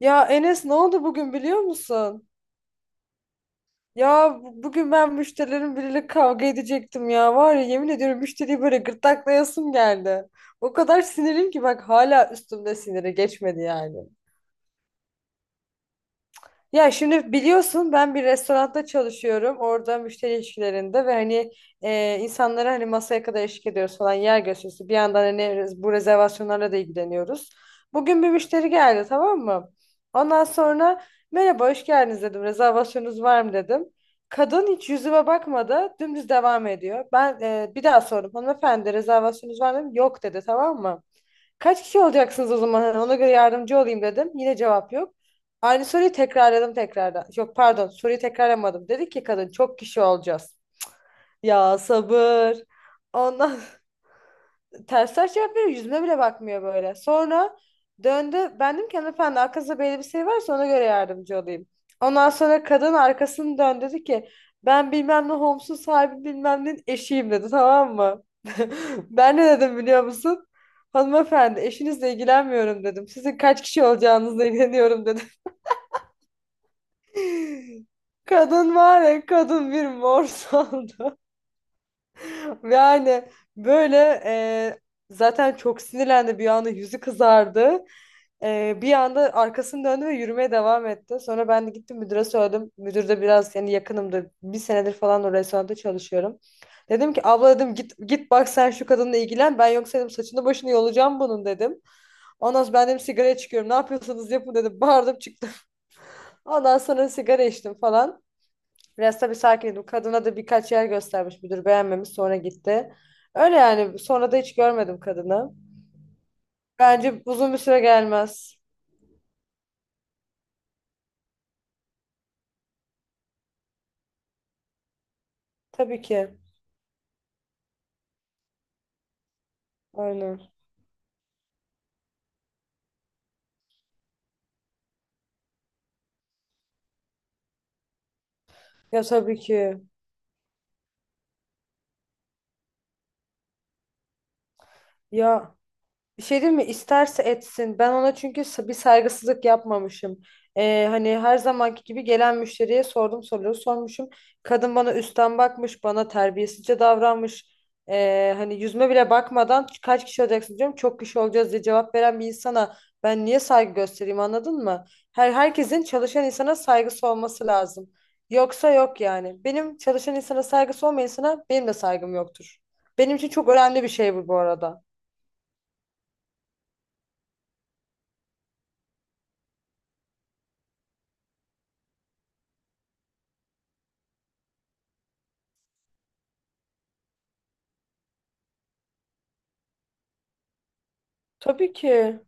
Ya Enes ne oldu bugün biliyor musun? Ya bu- bugün ben müşterilerin biriyle kavga edecektim ya. Var ya yemin ediyorum müşteriyi böyle gırtlaklayasım geldi. O kadar sinirim ki bak hala üstümde siniri geçmedi yani. Ya şimdi biliyorsun ben bir restoranda çalışıyorum. Orada müşteri ilişkilerinde ve hani insanlara hani masaya kadar eşlik ediyoruz falan yer gösterisi. Bir yandan hani bu rezervasyonlarla da ilgileniyoruz. Bugün bir müşteri geldi, tamam mı? Ondan sonra merhaba, hoş geldiniz dedim. Rezervasyonunuz var mı dedim. Kadın hiç yüzüme bakmadı. Dümdüz devam ediyor. Ben bir daha sordum. Hanımefendi, rezervasyonunuz var mı? Dedim. Yok dedi, tamam mı? Kaç kişi olacaksınız o zaman? Hani ona göre yardımcı olayım dedim. Yine cevap yok. Aynı soruyu tekrarladım tekrardan. Yok, pardon, soruyu tekrarlamadım. Dedi ki kadın çok kişi olacağız. Ya sabır. Ondan ters taş yapıyor. Yüzüme bile bakmıyor böyle. Sonra döndü. Ben dedim ki hanımefendi, arkasında böyle bir şey varsa ona göre yardımcı olayım. Ondan sonra kadın arkasını döndü, dedi ki ben bilmem ne Homes'un sahibi bilmem ne eşiyim dedi, tamam mı? Ben ne dedim biliyor musun? Hanımefendi, eşinizle ilgilenmiyorum dedim. Sizin kaç kişi olacağınızla ilgileniyorum dedim. Kadın var ya, kadın bir mor saldı. Yani böyle e, zaten çok sinirlendi, bir anda yüzü kızardı. Bir anda arkasını döndü ve yürümeye devam etti. Sonra ben de gittim müdüre söyledim. Müdür de biraz yani yakınımdı. Bir senedir falan o restoranda çalışıyorum. Dedim ki abla, dedim, git git bak sen şu kadınla ilgilen. Ben yoksa dedim saçını başını yolacağım bunun dedim. Ondan sonra ben dedim sigaraya çıkıyorum. Ne yapıyorsanız yapın dedim. Bağırdım, çıktım. Ondan sonra sigara içtim falan. Biraz tabii sakin idim. Kadına da birkaç yer göstermiş müdür, beğenmemiş, sonra gitti. Öyle yani, sonra da hiç görmedim kadını. Bence uzun bir süre gelmez. Tabii ki. Aynen. Ya tabii ki. Ya, bir şey diyeyim mi? İsterse etsin. Ben ona çünkü bir saygısızlık yapmamışım. Hani her zamanki gibi gelen müşteriye sordum, soruları sormuşum. Kadın bana üstten bakmış, bana terbiyesizce davranmış. Hani yüzüme bile bakmadan kaç kişi olacaksın diyorum. Çok kişi olacağız diye cevap veren bir insana ben niye saygı göstereyim, anladın mı? Herkesin çalışan insana saygısı olması lazım. Yoksa yok yani. Benim çalışan insana saygısı olmayan insana benim de saygım yoktur. Benim için çok önemli bir şey bu arada. Tabii ki.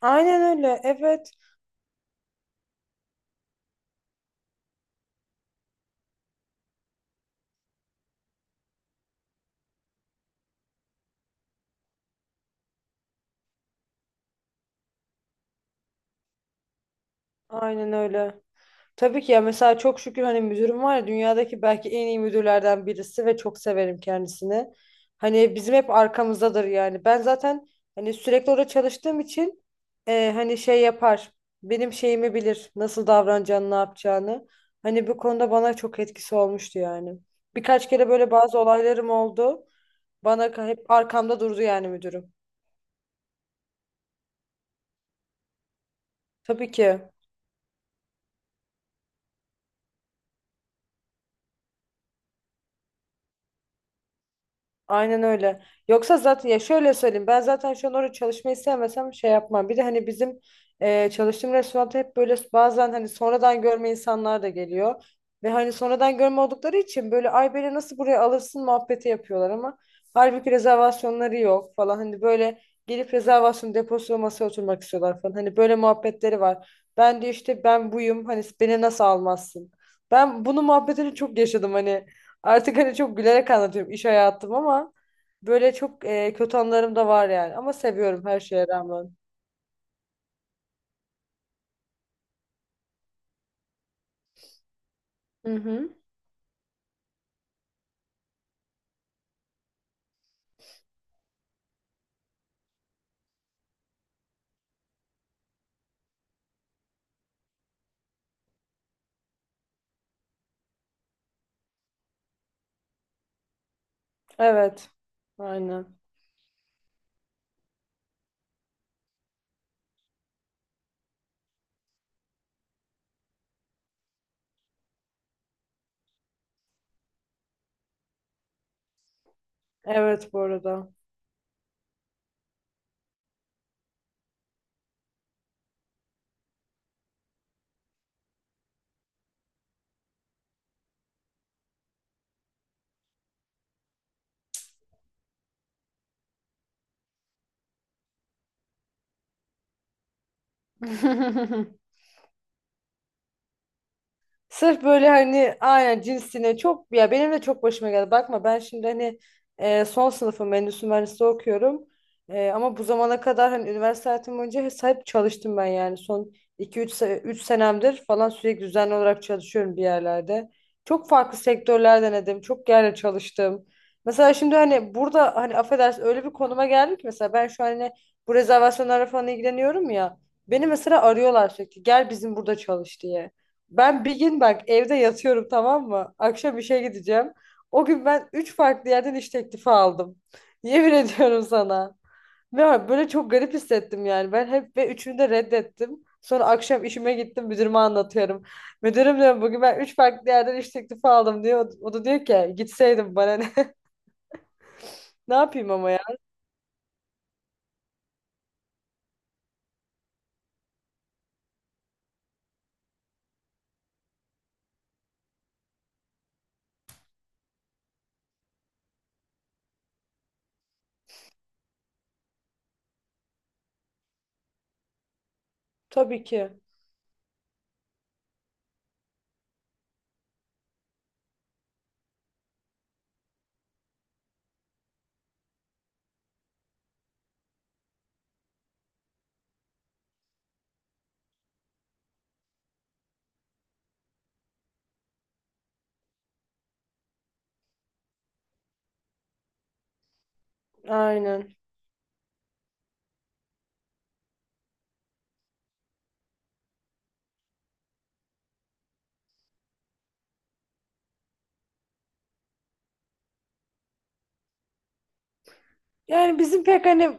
Aynen öyle. Evet. Aynen öyle. Tabii ki ya, mesela çok şükür hani müdürüm var ya, dünyadaki belki en iyi müdürlerden birisi ve çok severim kendisini. Hani bizim hep arkamızdadır yani. Ben zaten hani sürekli orada çalıştığım için hani şey yapar. Benim şeyimi bilir. Nasıl davranacağını, ne yapacağını. Hani bu konuda bana çok etkisi olmuştu yani. Birkaç kere böyle bazı olaylarım oldu. Bana hep arkamda durdu yani müdürüm. Tabii ki. Aynen öyle. Yoksa zaten ya şöyle söyleyeyim, ben zaten şu an orada çalışmayı sevmesem şey yapmam. Bir de hani bizim çalıştığım restoranda hep böyle bazen hani sonradan görme insanlar da geliyor. Ve hani sonradan görme oldukları için böyle ay beni nasıl buraya alırsın muhabbeti yapıyorlar ama halbuki rezervasyonları yok falan. Hani böyle gelip rezervasyon deposuyla masaya oturmak istiyorlar falan. Hani böyle muhabbetleri var. Ben de işte ben buyum hani, beni nasıl almazsın? Ben bunu muhabbetini çok yaşadım hani. Artık hani çok gülerek anlatıyorum iş hayatım ama böyle çok kötü anlarım da var yani. Ama seviyorum her şeye rağmen. Hı hı. Evet. Aynen. Evet, bu arada. Sırf böyle hani aynen cinsine çok, ya benim de çok başıma geldi. Bakma, ben şimdi hani son sınıfım, endüstri mühendisliği okuyorum. E, ama bu zamana kadar hani üniversite hayatım boyunca hep çalıştım ben yani. Son 2-3 3 senemdir falan sürekli düzenli olarak çalışıyorum bir yerlerde. Çok farklı sektörler denedim. Çok yerle çalıştım. Mesela şimdi hani burada hani affedersin öyle bir konuma geldik ki mesela ben şu an hani bu rezervasyonlarla falan ilgileniyorum ya. Beni mesela arıyorlar sürekli gel bizim burada çalış diye. Ben bir gün bak evde yatıyorum, tamam mı? Akşam işe gideceğim. O gün ben üç farklı yerden iş teklifi aldım. Yemin ediyorum sana. Ve böyle çok garip hissettim yani. Ben hep ve üçünü de reddettim. Sonra akşam işime gittim, müdürüme anlatıyorum. Müdürüm diyor bugün ben üç farklı yerden iş teklifi aldım diyor. O da diyor ki gitseydim bana ne. Ne yapayım ama ya. Tabii ki. Aynen. Yani bizim pek hani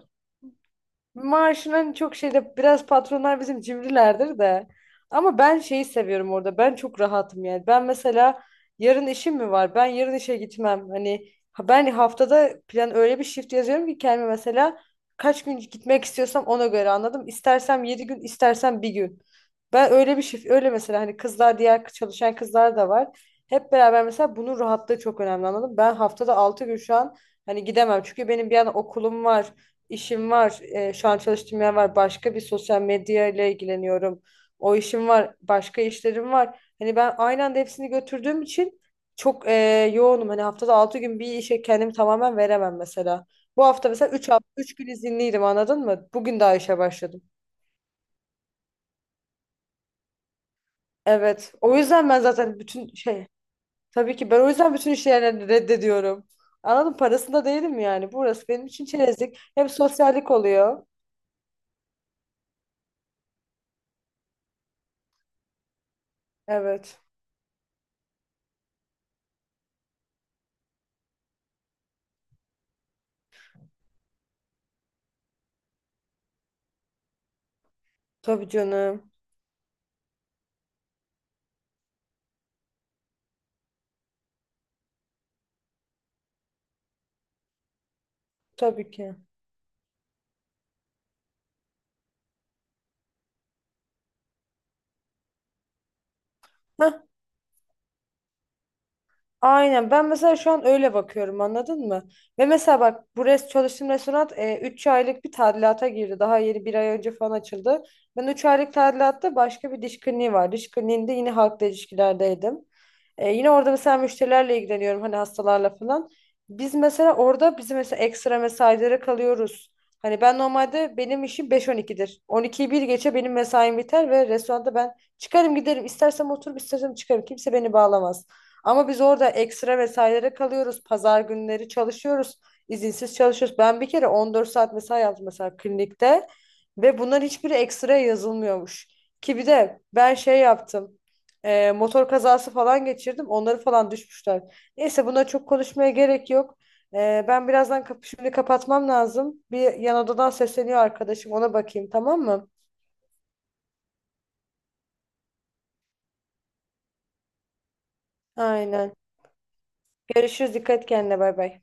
maaşının çok şeyde, biraz patronlar bizim cimrilerdir de. Ama ben şeyi seviyorum orada. Ben çok rahatım yani. Ben mesela yarın işim mi var? Ben yarın işe gitmem. Hani ben haftada plan öyle bir shift yazıyorum ki kendime, mesela kaç gün gitmek istiyorsam ona göre, anladım. İstersem 7 gün, istersem bir gün. Ben öyle bir shift öyle mesela hani kızlar, diğer çalışan kızlar da var. Hep beraber mesela bunun rahatlığı çok önemli, anladım. Ben haftada 6 gün şu an hani gidemem. Çünkü benim bir yana okulum var. İşim var. Şu an çalıştığım yer var. Başka bir sosyal medya ile ilgileniyorum. O işim var. Başka işlerim var. Hani ben aynı anda hepsini götürdüğüm için çok yoğunum. Hani haftada 6 gün bir işe kendimi tamamen veremem mesela. Bu hafta mesela 3 hafta, 3 gün izinliydim, anladın mı? Bugün daha işe başladım. Evet. O yüzden ben zaten bütün şey, tabii ki ben o yüzden bütün işlerini reddediyorum. Anladın, parasında değilim yani. Burası benim için çerezlik. Hem sosyallik oluyor. Evet. Tabii canım. Tabii ki. Heh, aynen. Ben mesela şu an öyle bakıyorum, anladın mı? Ve mesela bak bu çalıştığım restoran 3 aylık bir tadilata girdi. Daha yeni 1 ay önce falan açıldı. Ben 3 aylık tadilatta başka bir diş kliniği var. Diş kliniğinde yine halkla ilişkilerdeydim. E, yine orada mesela müşterilerle ilgileniyorum hani hastalarla falan. Biz mesela orada bizim mesela ekstra mesailere kalıyoruz. Hani ben normalde benim işim 5 On 12'yi bir geçe benim mesaim biter ve restoranda ben çıkarım giderim. İstersem oturup istersem çıkarım. Kimse beni bağlamaz. Ama biz orada ekstra vesairelere kalıyoruz. Pazar günleri çalışıyoruz. İzinsiz çalışıyoruz. Ben bir kere 14 saat mesai yaptım mesela klinikte ve bunların hiçbiri ekstra yazılmıyormuş. Ki bir de ben şey yaptım. Motor kazası falan geçirdim. Onları falan düşmüşler. Neyse, buna çok konuşmaya gerek yok. Ben birazdan kapı şimdi kapatmam lazım. Bir yan odadan sesleniyor arkadaşım. Ona bakayım, tamam mı? Aynen. Görüşürüz. Dikkat et kendine. Bay bay.